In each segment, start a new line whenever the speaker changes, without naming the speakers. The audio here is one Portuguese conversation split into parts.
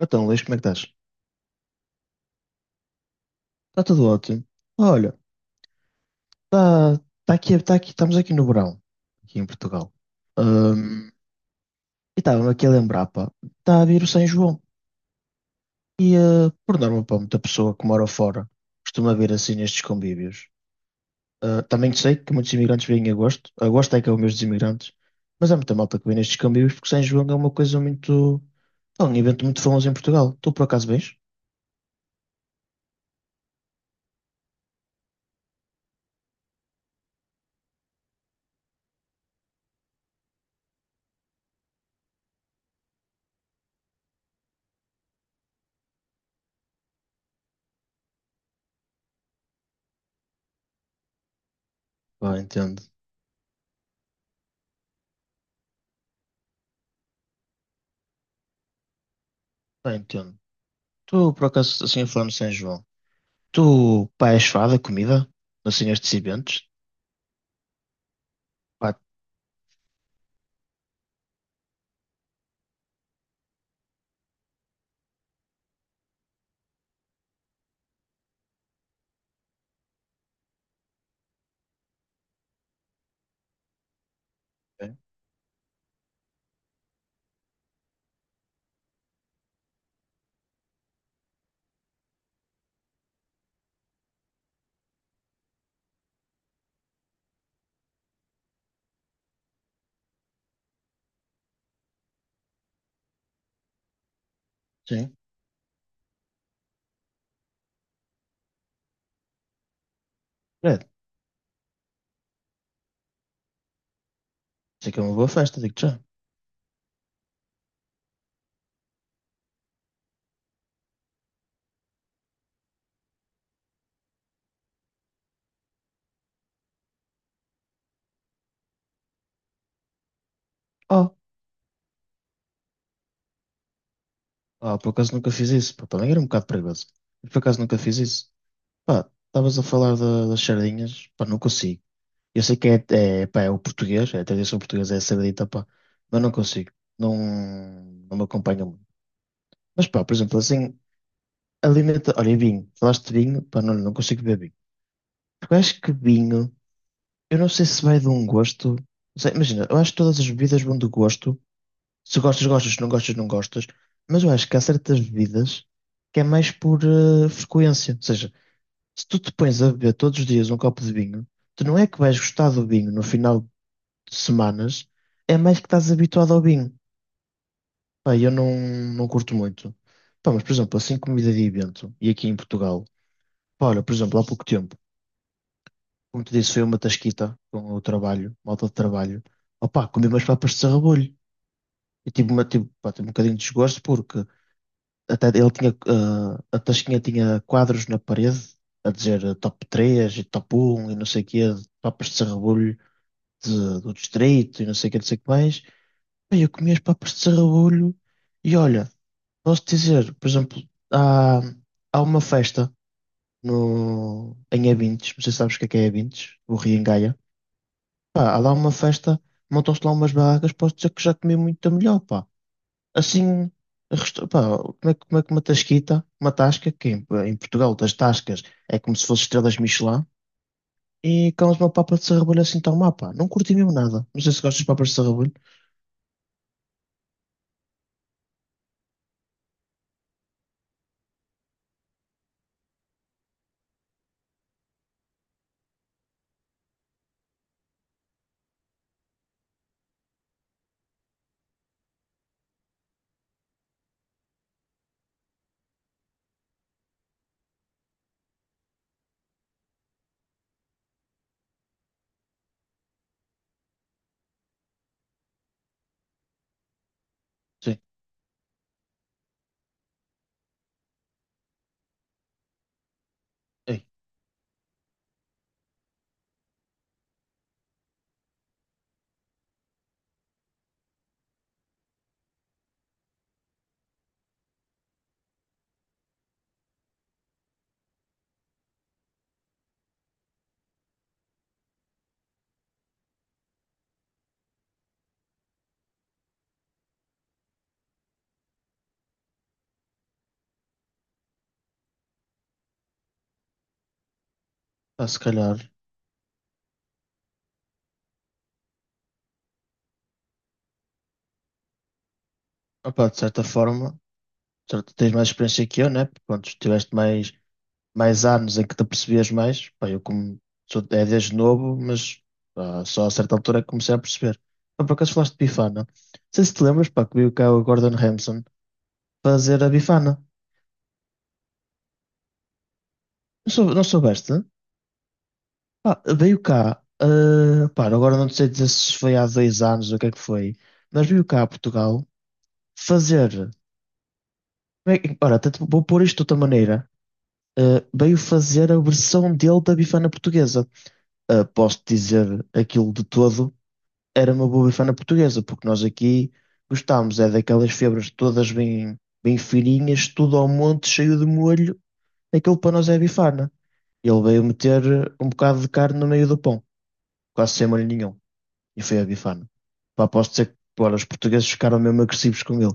Então, Luís, como é que estás? Está tudo ótimo. Olha, está tá tá aqui, estamos aqui no verão, aqui em Portugal. Ahm, e estava-me aqui a lembrar, pá, está a vir o São João. Por norma, pá, muita pessoa que mora fora costuma vir assim nestes convívios. Ah, também sei que muitos imigrantes vêm em agosto. Agosto é que é o mês dos imigrantes. Mas há muita malta que vem nestes convívios porque São João é uma coisa muito... É um evento muito famoso em Portugal. Tu por acaso vens? Ah, entendo. Ah, entendo. Tu por acaso, assim, falando de São João... Tu, pá, és fada, comida, assim, estes eventos, pá, Ok. Sim, credo, sei que é uma boa festa, digo-te já. Oh, oh, por acaso nunca fiz isso, pá, também era um bocado perigoso, mas por acaso nunca fiz isso. Pá, estavas a falar das sardinhas, pá, não consigo. Eu sei que é, é, pá, é o português, é a tradição portuguesa, é a sardita, pá, mas não consigo, não, não me acompanha muito. Mas pá, por exemplo, assim, alimenta, olha, e vinho, falaste de vinho, pá, não, não consigo beber vinho. Porque eu acho que vinho. Eu não sei se vai de um gosto. Não sei, imagina, eu acho que todas as bebidas vão do gosto. Se gostas, gostas, se não gostas, não gostas. Mas eu acho que há certas bebidas que é mais por frequência. Ou seja, se tu te pões a beber todos os dias um copo de vinho, tu não é que vais gostar do vinho no final de semanas, é mais que estás habituado ao vinho. Pá, eu não, não curto muito. Pá, mas por exemplo, assim comida de evento, e aqui em Portugal, pá, olha, por exemplo, há pouco tempo, como te disse, foi uma tasquita com o trabalho, malta de trabalho. Opá, comi umas papas de sarrabolho. E tive, uma, tive, pá, tive um bocadinho de desgosto porque até ele tinha, a tasquinha tinha quadros na parede a dizer top 3 e top 1 e não sei o quê, de papas de sarrabolho do distrito e não sei o quê, não sei o que mais. Bem, eu comi as papas de sarrabolho e olha, posso dizer, por exemplo, há, há uma festa no, em Abintes, não sei se sabes o que é Abintes, o Rio em Gaia. Pá, há lá uma festa, montam-se lá umas barracas, posso dizer que já comi muita melhor, pá. Assim, pá, como é, como é que uma tasquita, uma tasca, que em Portugal das tascas é como se fosse estrelas Michelin, e comes uma papa de sarrabolho assim tão má, pá. Não curti mesmo nada. Não sei se gostas de papas de sarrabolho. Sim. Ei, pá, se calhar, opá, de certa forma, tens mais experiência que eu, né? Pronto, tiveste mais, mais anos em que te apercebias mais. Pá, eu como sou, é desde novo, mas pá, só a certa altura é que comecei a perceber. Pá, por acaso falaste de Bifana. Não sei se te lembras, pá, que veio cá o Gordon Ramsay fazer a Bifana. Não, sou, não soubeste? Né? Pá, veio cá, pá, agora não sei dizer se foi há 2 anos ou o que é que foi, mas veio cá a Portugal fazer. Ora, até te vou pôr isto de outra maneira. Ah, veio fazer a versão dele da Bifana portuguesa. Ah, posso dizer aquilo de todo, era uma boa bifana portuguesa, porque nós aqui gostámos, é daquelas febras todas bem, bem fininhas, tudo ao monte, cheio de molho, aquilo para nós é bifana. Ele veio meter um bocado de carne no meio do pão, quase sem molho nenhum, e foi a bifana. Pá, posso dizer que pô, os portugueses ficaram mesmo agressivos com ele.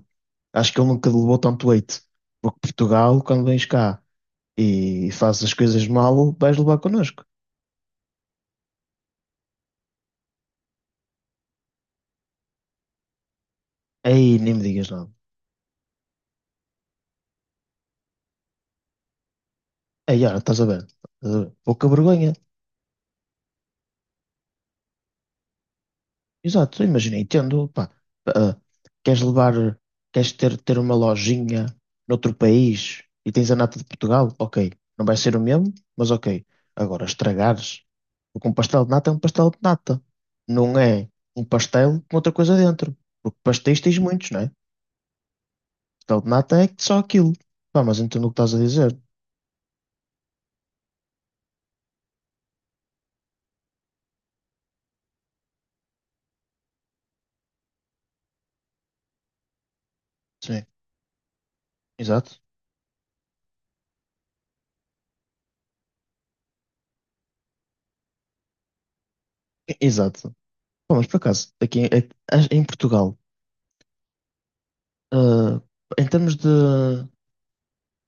Acho que ele nunca levou tanto leite, porque Portugal, quando vens cá e fazes as coisas mal, vais levar connosco. Aí nem me digas nada. Aí, olha, estás a ver? Estás a ver? Pouca vergonha. Exato, imagina, entendo, pá, ah, queres levar, queres ter, ter uma lojinha noutro país e tens a nata de Portugal, ok, não vai ser o mesmo, mas ok. Agora, estragares, porque um pastel de nata é um pastel de nata, não é um pastel com outra coisa dentro, porque pastéis tens muitos, não é? Pastel de nata é só aquilo. Pá, mas entendo o que estás a dizer. Sim, exato, E- exato. Pá, mas por acaso, aqui em, em Portugal, ah, em termos de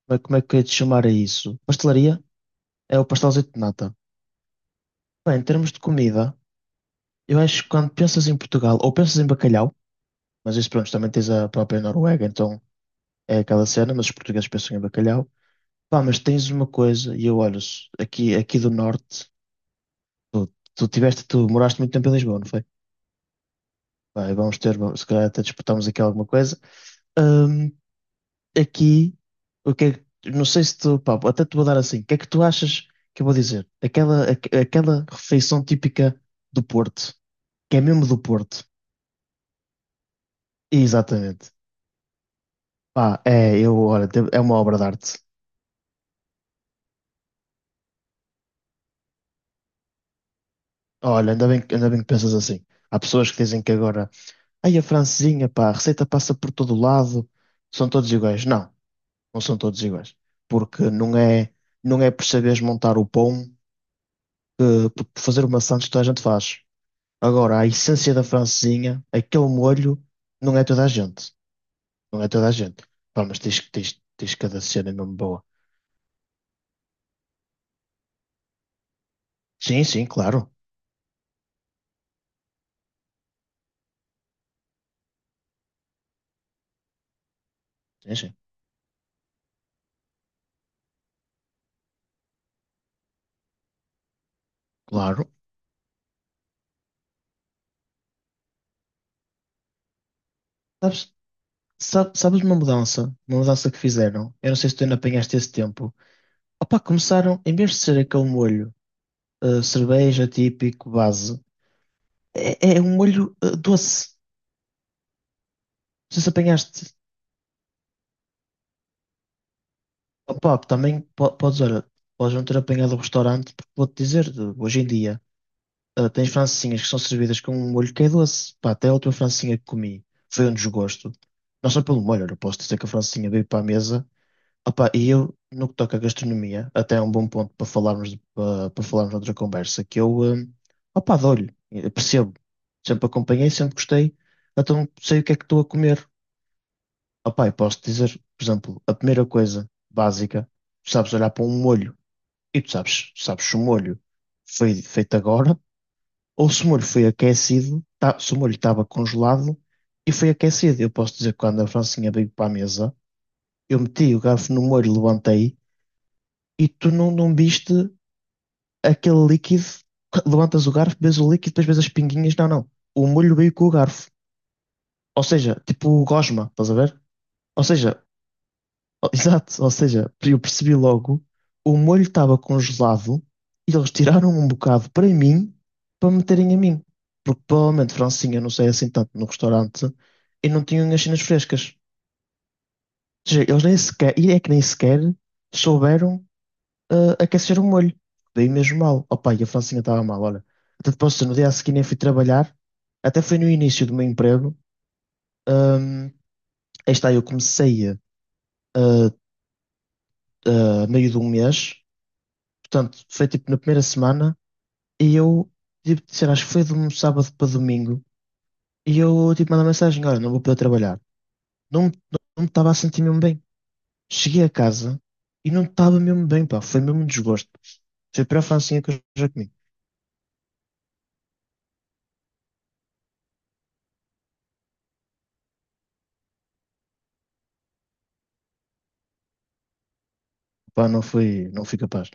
Como é que é de chamar a isso? Pastelaria é o pastelzito de nata. Bem, em termos de comida, eu acho que quando pensas em Portugal, ou pensas em bacalhau, mas isso pronto, também tens a própria Noruega, então é aquela cena, mas os portugueses pensam em bacalhau. Pá, mas tens uma coisa, e eu olho aqui, aqui do norte, tu, tu moraste muito tempo em Lisboa, não foi? Pá, e vamos ter, se calhar até disputarmos aqui alguma coisa. Hum, aqui, o que é que- não sei se tu, pá, até te vou dar assim, o que é que tu achas que eu vou dizer? Aquela refeição típica do Porto, que é mesmo do Porto. Exatamente. Pá, é, eu, olha, é uma obra de arte. Olha, ainda bem, ainda bem que pensas assim. Há pessoas que dizem que agora, ai, a francesinha, pá, a receita passa por todo o lado, são todos iguais. Não, não são todos iguais. Porque não é, não é por saberes montar o pão, que, por fazer uma sandes toda a gente faz. Agora, a essência da francesinha, aquele molho, não é toda a gente. Não é toda a gente. Pá, mas tens, tens, tens cada cena mesmo boa. Sim, sim, claro. Sim, sim, claro. Sabes, sabes uma mudança? Uma mudança que fizeram? Eu não sei se tu ainda apanhaste esse tempo. Opa, começaram, em vez de ser aquele molho, cerveja típico, base, é, é um molho, doce. Não sei se apanhaste. Opa, também podes, olha, podes não ter apanhado o restaurante, porque vou-te dizer, hoje em dia. Ah, tens francesinhas que são servidas com um molho que é doce. Pá, até a última francesinha que comi foi um desgosto. Não só pelo molho, eu posso dizer que a francesinha veio para a mesa. Opá, e eu, no que toca à gastronomia, até é um bom ponto para falarmos, para, para falarmos noutra conversa, que eu, opá, dou-lhe, eu percebo. Sempre acompanhei, sempre gostei, então sei o que é que estou a comer. Opá, e posso dizer, por exemplo, a primeira coisa básica, tu sabes olhar para um molho e tu sabes, sabes se o molho foi feito agora ou se o molho foi aquecido, tá, se o molho estava congelado e foi aquecido. Eu posso dizer que quando a Francinha veio para a mesa, eu meti o garfo no molho, levantei e tu não, não viste aquele líquido. Levantas o garfo, vês o líquido, depois vês as pinguinhas. Não, não. O molho veio com o garfo. Ou seja, tipo gosma, estás a ver? Ou seja, Oh, exato, ou seja, eu percebi logo, o molho estava congelado e eles tiraram um bocado para mim para meterem a mim. Porque provavelmente Francinha não sei assim tanto no restaurante e não tinham as cenas frescas. Ou seja, eles nem sequer, e é que nem sequer souberam aquecer o molho. Daí mesmo mal. Opa, e a Francinha estava mal, olha. Até depois, no dia a seguir, nem fui trabalhar, até foi no início do meu emprego. Ahm, aí está, eu comecei a meio de um mês. Portanto, foi tipo na primeira semana e eu, tipo, sei lá, acho que foi de um sábado para domingo. E eu, tipo, mandei uma mensagem: Olha, não vou poder trabalhar. Não, não, me estava a sentir mesmo bem. Cheguei a casa e não estava mesmo bem, pá. Foi mesmo um desgosto. Foi para a francinha que eu já comi. Pá, não fui, não fui capaz.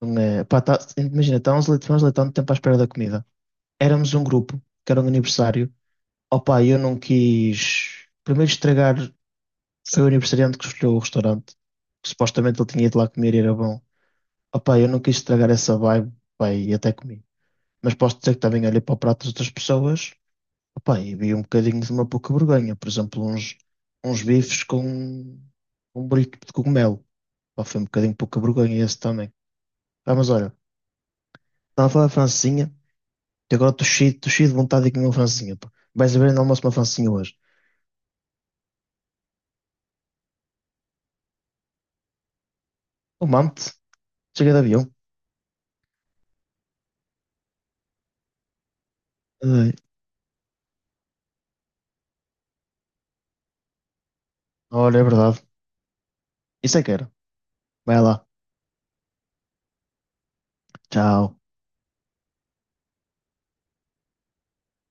Não é, pá, tá, imagina, estávamos ali tanto tempo à espera da comida. Éramos um grupo, que era um aniversário. Opa, eu não quis. Primeiro estragar, foi o aniversariante que escolheu o restaurante, que supostamente ele tinha ido lá comer e era bom. Opa, eu não quis estragar essa vibe, pá, e até comi. Mas posso dizer que também olhei para o prato das outras pessoas, opa, e vi um bocadinho de uma pouca vergonha. Por exemplo, uns bifes com um burrito de cogumelo. Pá, foi um bocadinho pouca vergonha esse também. Pá, mas olha, estava a falar de francesinha, e agora estou cheio de vontade de comer uma francesinha. Pá. Vais a ver no almoço uma francesinha hoje. O mante, chega de avião. Ai, olha, é verdade. Isso é que era. Vai lá. Tchau.